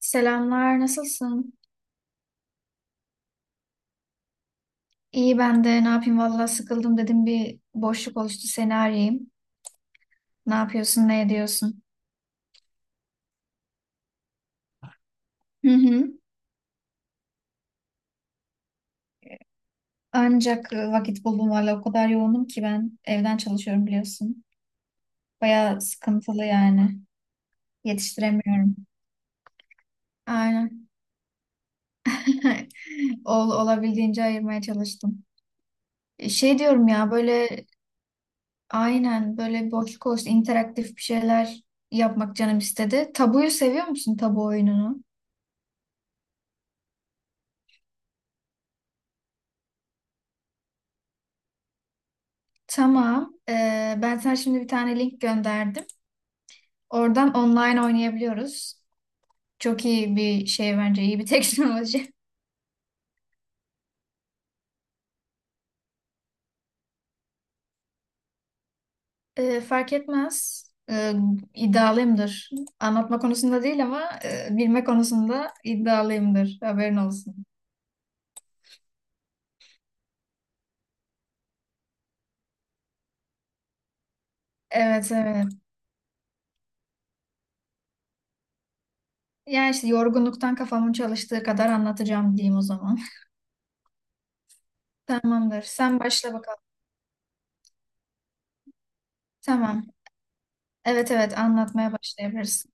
Selamlar, nasılsın? İyi ben de ne yapayım, valla sıkıldım dedim, bir boşluk oluştu, seni arayayım. Ne yapıyorsun, ne ediyorsun? Hı hı. Ancak vakit buldum, valla o kadar yoğunum ki, ben evden çalışıyorum biliyorsun. Bayağı sıkıntılı yani, yetiştiremiyorum. Aynen. Olabildiğince ayırmaya çalıştım. Şey diyorum ya, böyle aynen böyle bir boşluk oluştu, interaktif bir şeyler yapmak canım istedi. Tabuyu seviyor musun, tabu oyununu? Tamam. Ben sana şimdi bir tane link gönderdim. Oradan online oynayabiliyoruz. Çok iyi bir şey bence, iyi bir teknoloji. Fark etmez. Ee, iddialıyımdır. Anlatma konusunda değil ama bilme konusunda iddialıyımdır. Haberin olsun. Evet, evet. Yani işte yorgunluktan kafamın çalıştığı kadar anlatacağım diyeyim o zaman. Tamamdır. Sen başla bakalım. Tamam. Evet evet, anlatmaya başlayabiliriz.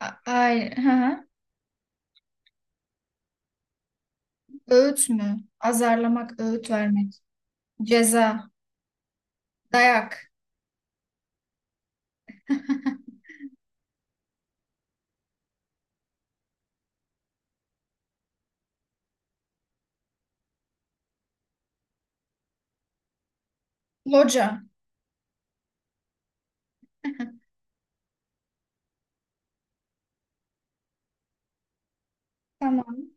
Ay, hı hı. Öğüt mü? Azarlamak, öğüt vermek. Ceza, dayak, loca. Tamam.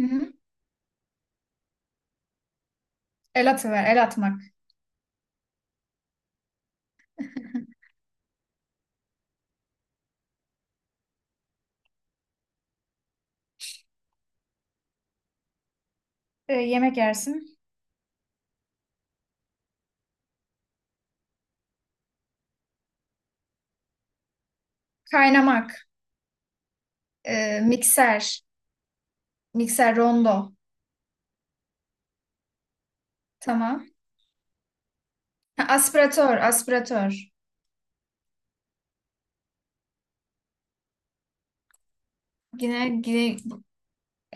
Hı-hı. El atıver, el atmak. Yemek yersin. Kaynamak, mikser, mikser rondo. Tamam. Ha, aspiratör, aspiratör. Yine, yine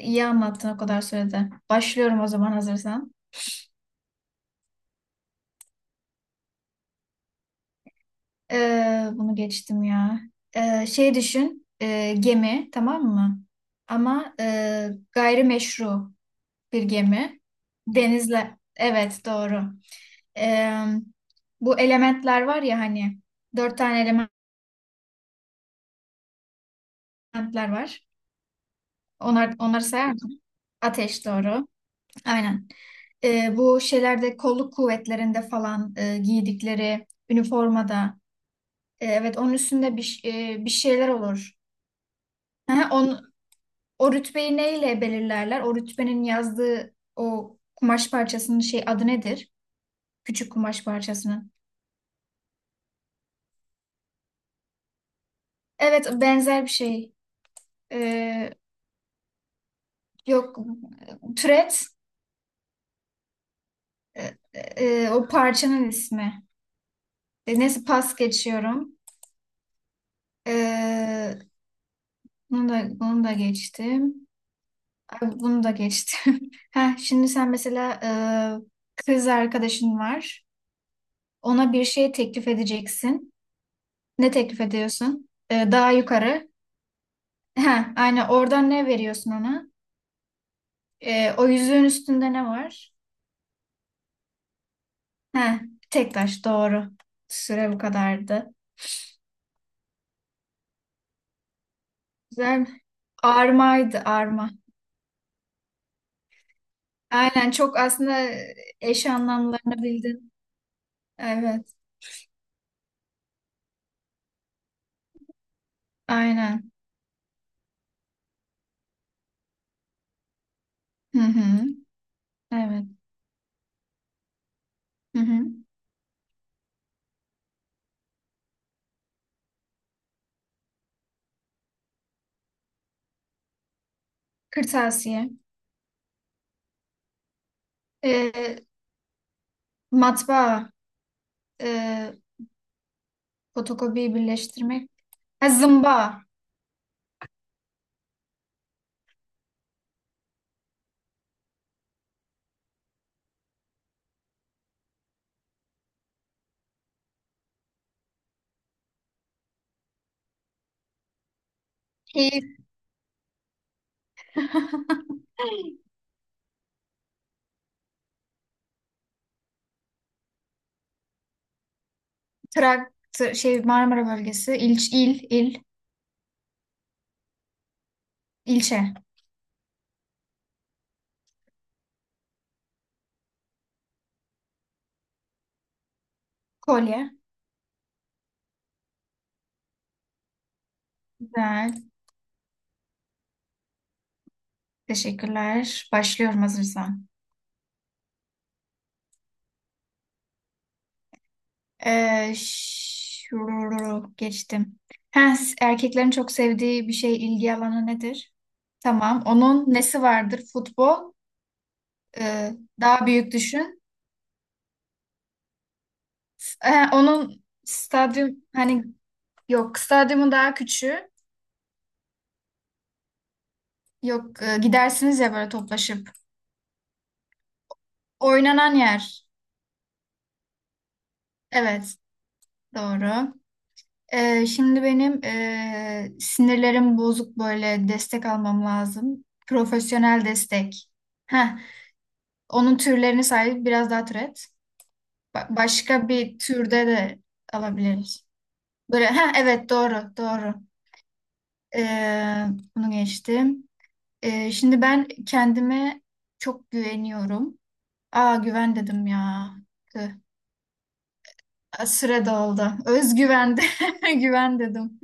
iyi anlattın o kadar sürede. Başlıyorum o zaman, hazırsan. Bunu geçtim ya. Şey düşün, gemi, tamam mı? Ama gayrimeşru. Bir gemi. Denizle. Evet, doğru. Ee, Bu elementler var ya hani, dört tane elementler var. Onlar, onları sayar mısın? Ateş, doğru. Aynen. Bu şeylerde, kolluk kuvvetlerinde falan, giydikleri üniformada. Evet, onun üstünde bir şeyler olur. Ha, o rütbeyi neyle belirlerler? O rütbenin yazdığı o kumaş parçasının şey adı nedir? Küçük kumaş parçasının. Evet, benzer bir şey. Ee, Yok türet, e, o parçanın ismi. Neyse, pas geçiyorum. Ee, bunu da geçtim. Ay, bunu da geçtim. Heh, şimdi sen mesela kız arkadaşın var. Ona bir şey teklif edeceksin. Ne teklif ediyorsun? Daha yukarı. Heh, aynen, oradan ne veriyorsun ona? O yüzüğün üstünde ne var? Heh, tek taş, doğru. Süre bu kadardı. Güzel. Armaydı, arma. Aynen, çok aslında eş anlamlarını bildin. Evet. Aynen. Hı hı. Evet. Hı hı. Kırtasiye. Ee, Matbaa. Ee, Fotokopiyi birleştirmek. Ha, zımba. İl. Traktör, şey Marmara bölgesi. İlçe. Kolye. Güzel. Teşekkürler. Başlıyorum hazırsan. Geçtim. Ha, erkeklerin çok sevdiği bir şey, ilgi alanı nedir? Tamam. Onun nesi vardır? Futbol. Ee, Daha büyük düşün. Onun stadyum hani, yok, stadyumu daha küçüğü. Yok, gidersiniz ya böyle toplaşıp. Oynanan yer. Evet, doğru. Şimdi benim sinirlerim bozuk, böyle destek almam lazım. Profesyonel destek. Heh, onun türlerini say, biraz daha türet. Başka bir türde de alabiliriz. Böyle, ha, evet, doğru, doğru. Ee, Bunu geçtim. Şimdi ben kendime çok güveniyorum. Aa, güven dedim ya. Tüh. Aa, süre doldu. Özgüven de güven dedim.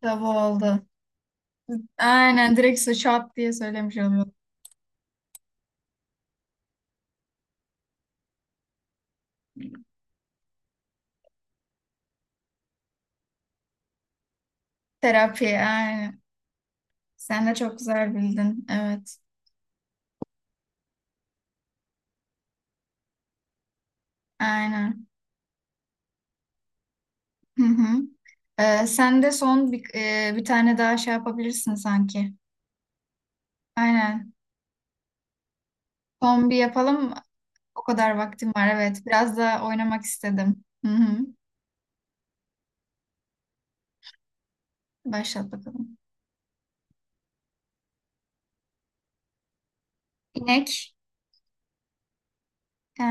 Tabu oldu. Aynen, direkt şap diye söylemiş oldum. Terapi, aynen. Sen de çok güzel bildin. Evet. Aynen. Hı hı. Sen de son bir tane daha şey yapabilirsin sanki. Aynen. Son bir yapalım. O kadar vaktim var. Evet. Biraz da oynamak istedim. Hı hı. Başlat bakalım. İnek. He.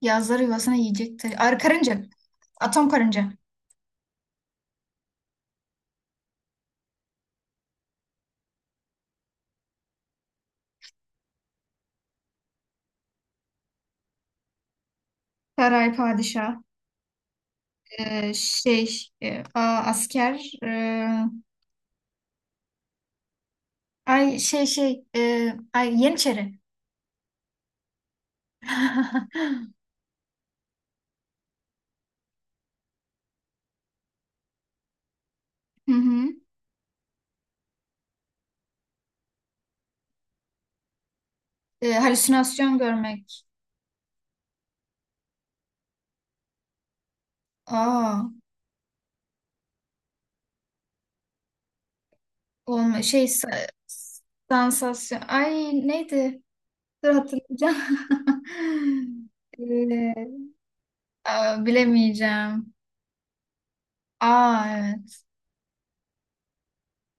Yazları yuvasına yiyecek taşı- Ar karınca. Atom karınca. Saray, padişah. Şey, asker. Ay şey şey. E, ay Yeniçeri. Hı hı. Halüsinasyon görmek. Aa. Olma şey, sansasyon. Ay, neydi? Dur, hatırlayacağım. Ee, Aa, bilemeyeceğim. Aa, evet.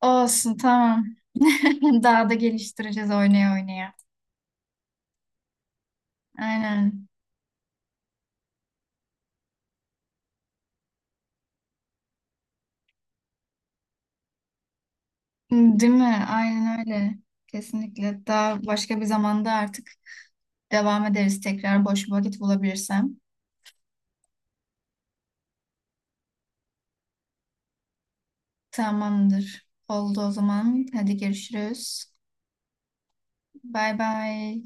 Olsun, tamam. Daha da geliştireceğiz oynaya oynaya. Aynen. Değil mi? Aynen öyle. Kesinlikle. Daha başka bir zamanda artık devam ederiz, tekrar boş bir vakit bulabilirsem. Tamamdır. Oldu o zaman. Hadi, görüşürüz. Bay bay.